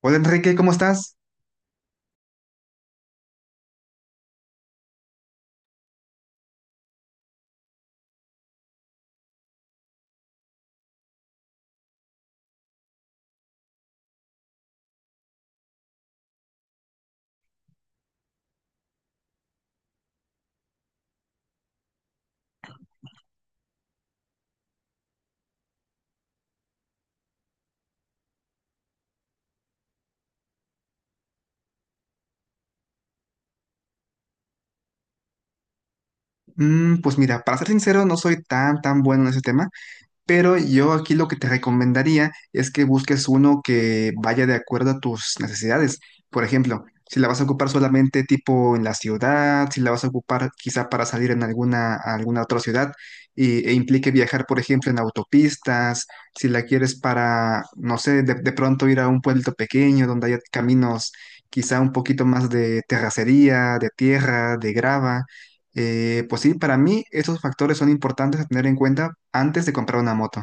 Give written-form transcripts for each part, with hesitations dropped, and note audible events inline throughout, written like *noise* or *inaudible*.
Hola Enrique, ¿cómo estás? Pues mira, para ser sincero, no soy tan bueno en ese tema, pero yo aquí lo que te recomendaría es que busques uno que vaya de acuerdo a tus necesidades. Por ejemplo, si la vas a ocupar solamente tipo en la ciudad, si la vas a ocupar quizá para salir en a alguna otra ciudad e implique viajar, por ejemplo, en autopistas, si la quieres para, no sé, de pronto ir a un pueblito pequeño donde haya caminos, quizá un poquito más de terracería, de tierra, de grava. Pues sí, para mí esos factores son importantes a tener en cuenta antes de comprar una moto.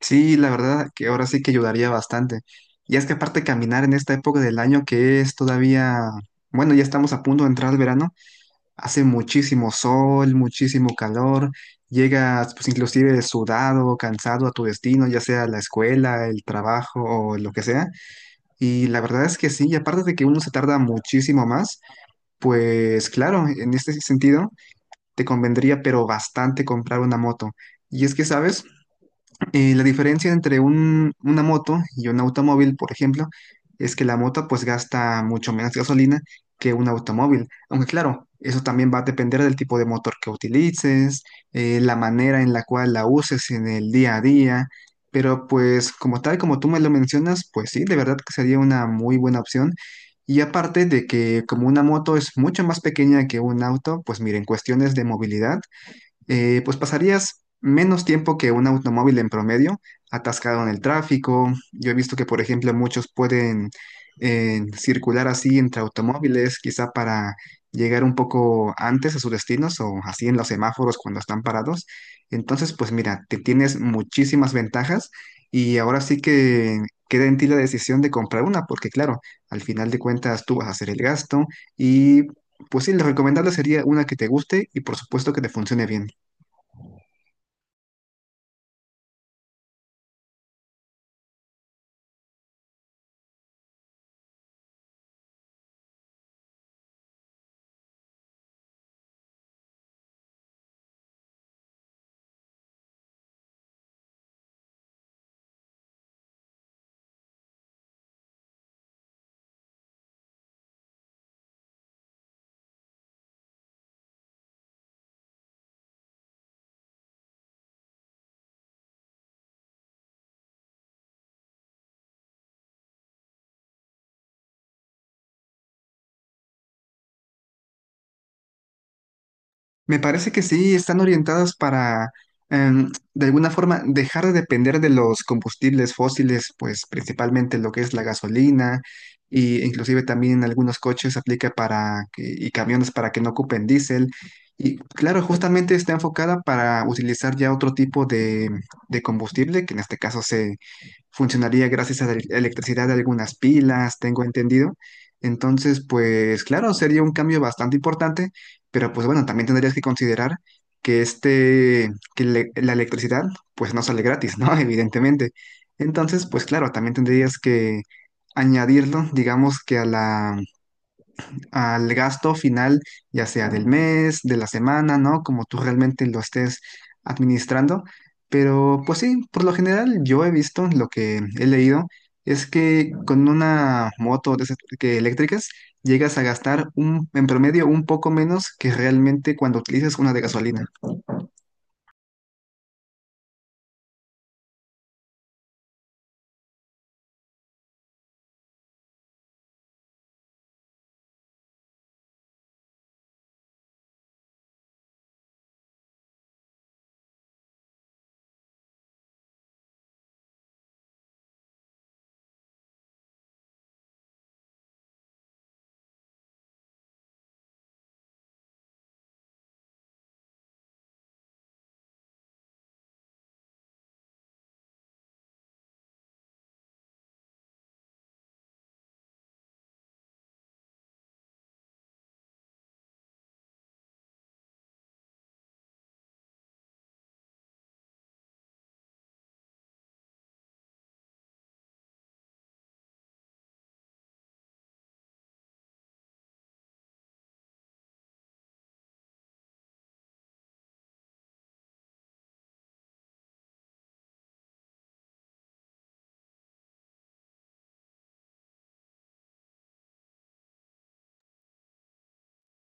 Sí, la verdad que ahora sí que ayudaría bastante. Y es que aparte caminar en esta época del año que es todavía, bueno, ya estamos a punto de entrar al verano, hace muchísimo sol, muchísimo calor, llegas pues inclusive sudado, cansado a tu destino, ya sea la escuela, el trabajo o lo que sea. Y la verdad es que sí, y aparte de que uno se tarda muchísimo más, pues claro, en este sentido, te convendría, pero bastante, comprar una moto. Y es que, ¿sabes? La diferencia entre una moto y un automóvil, por ejemplo, es que la moto pues gasta mucho menos gasolina que un automóvil. Aunque claro, eso también va a depender del tipo de motor que utilices, la manera en la cual la uses en el día a día. Pero pues como tal, como tú me lo mencionas, pues sí, de verdad que sería una muy buena opción. Y aparte de que como una moto es mucho más pequeña que un auto, pues miren, cuestiones de movilidad, pues pasarías menos tiempo que un automóvil en promedio atascado en el tráfico. Yo he visto que, por ejemplo, muchos pueden, circular así entre automóviles, quizá para llegar un poco antes a sus destinos o así en los semáforos cuando están parados. Entonces, pues mira, te tienes muchísimas ventajas y ahora sí que queda en ti la decisión de comprar una, porque claro, al final de cuentas tú vas a hacer el gasto y pues sí, lo recomendable sería una que te guste y por supuesto que te funcione bien. Me parece que sí, están orientadas para, de alguna forma, dejar de depender de los combustibles fósiles, pues principalmente lo que es la gasolina, y inclusive también en algunos coches aplica para y camiones para que no ocupen diésel. Y claro, justamente está enfocada para utilizar ya otro tipo de, combustible, que en este caso funcionaría gracias a la electricidad de algunas pilas, tengo entendido. Entonces, pues claro, sería un cambio bastante importante, pero pues bueno, también tendrías que considerar que la electricidad pues no sale gratis, ¿no? *laughs* Evidentemente. Entonces, pues claro, también tendrías que añadirlo, digamos que a al gasto final, ya sea del mes, de la semana, ¿no? Como tú realmente lo estés administrando. Pero pues sí, por lo general yo he visto, lo que he leído, es que con una moto de esas que eléctricas llegas a gastar en promedio un poco menos que realmente cuando utilizas una de gasolina.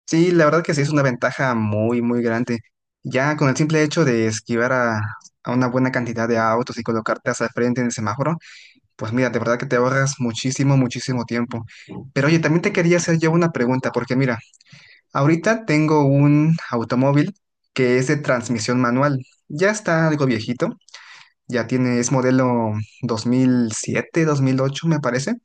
Sí, la verdad que sí es una ventaja muy, muy grande. Ya con el simple hecho de esquivar a una buena cantidad de autos y colocarte hacia el frente en el semáforo, pues mira, de verdad que te ahorras muchísimo, muchísimo tiempo. Pero oye, también te quería hacer yo una pregunta, porque mira, ahorita tengo un automóvil que es de transmisión manual. Ya está algo viejito, ya tiene, es modelo 2007, 2008, me parece.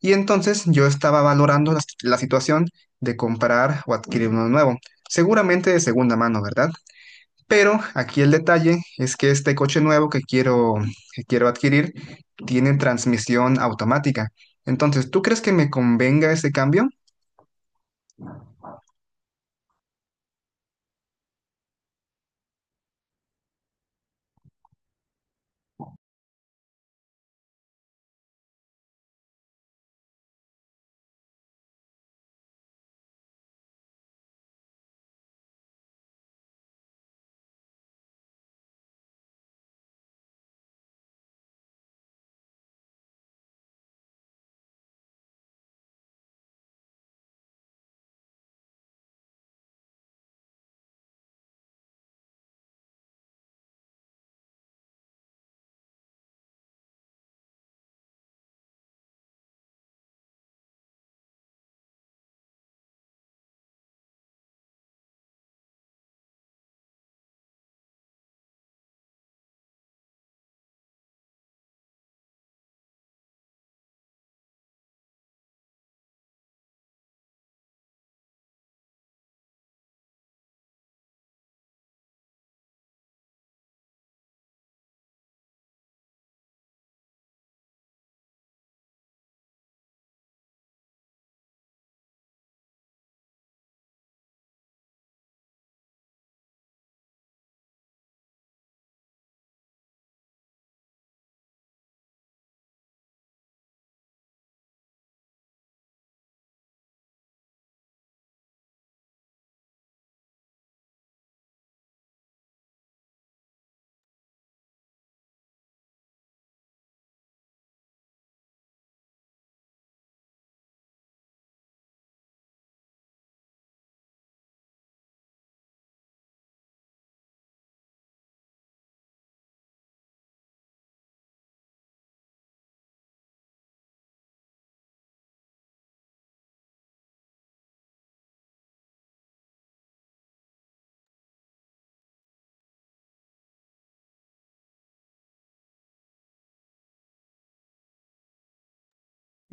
Y entonces yo estaba valorando la situación de comprar o adquirir uno nuevo. Seguramente de segunda mano, ¿verdad? Pero aquí el detalle es que este coche nuevo que quiero, adquirir, tiene transmisión automática. Entonces, ¿tú crees que me convenga ese cambio?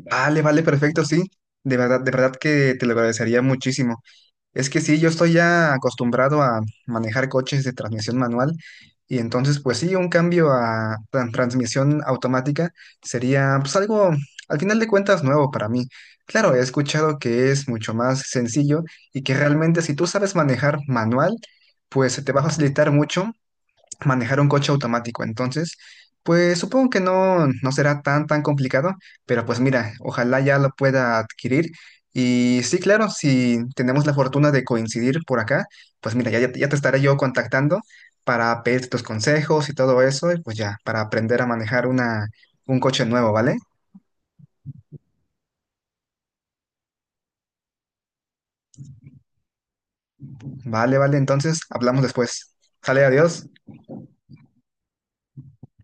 Vale, vale, perfecto, sí. De verdad que te lo agradecería muchísimo. Es que sí, yo estoy ya acostumbrado a manejar coches de transmisión manual y entonces pues sí, un cambio a transmisión automática sería pues algo al final de cuentas nuevo para mí. Claro, he escuchado que es mucho más sencillo y que realmente si tú sabes manejar manual, pues se te va a facilitar mucho manejar un coche automático. Entonces, pues supongo que no, no será tan complicado, pero pues mira, ojalá ya lo pueda adquirir. Y sí, claro, si tenemos la fortuna de coincidir por acá, pues mira, ya te estaré yo contactando para pedirte tus consejos y todo eso, y pues ya, para aprender a manejar un coche nuevo, ¿vale? Vale, vale, entonces hablamos después. Sale, adiós.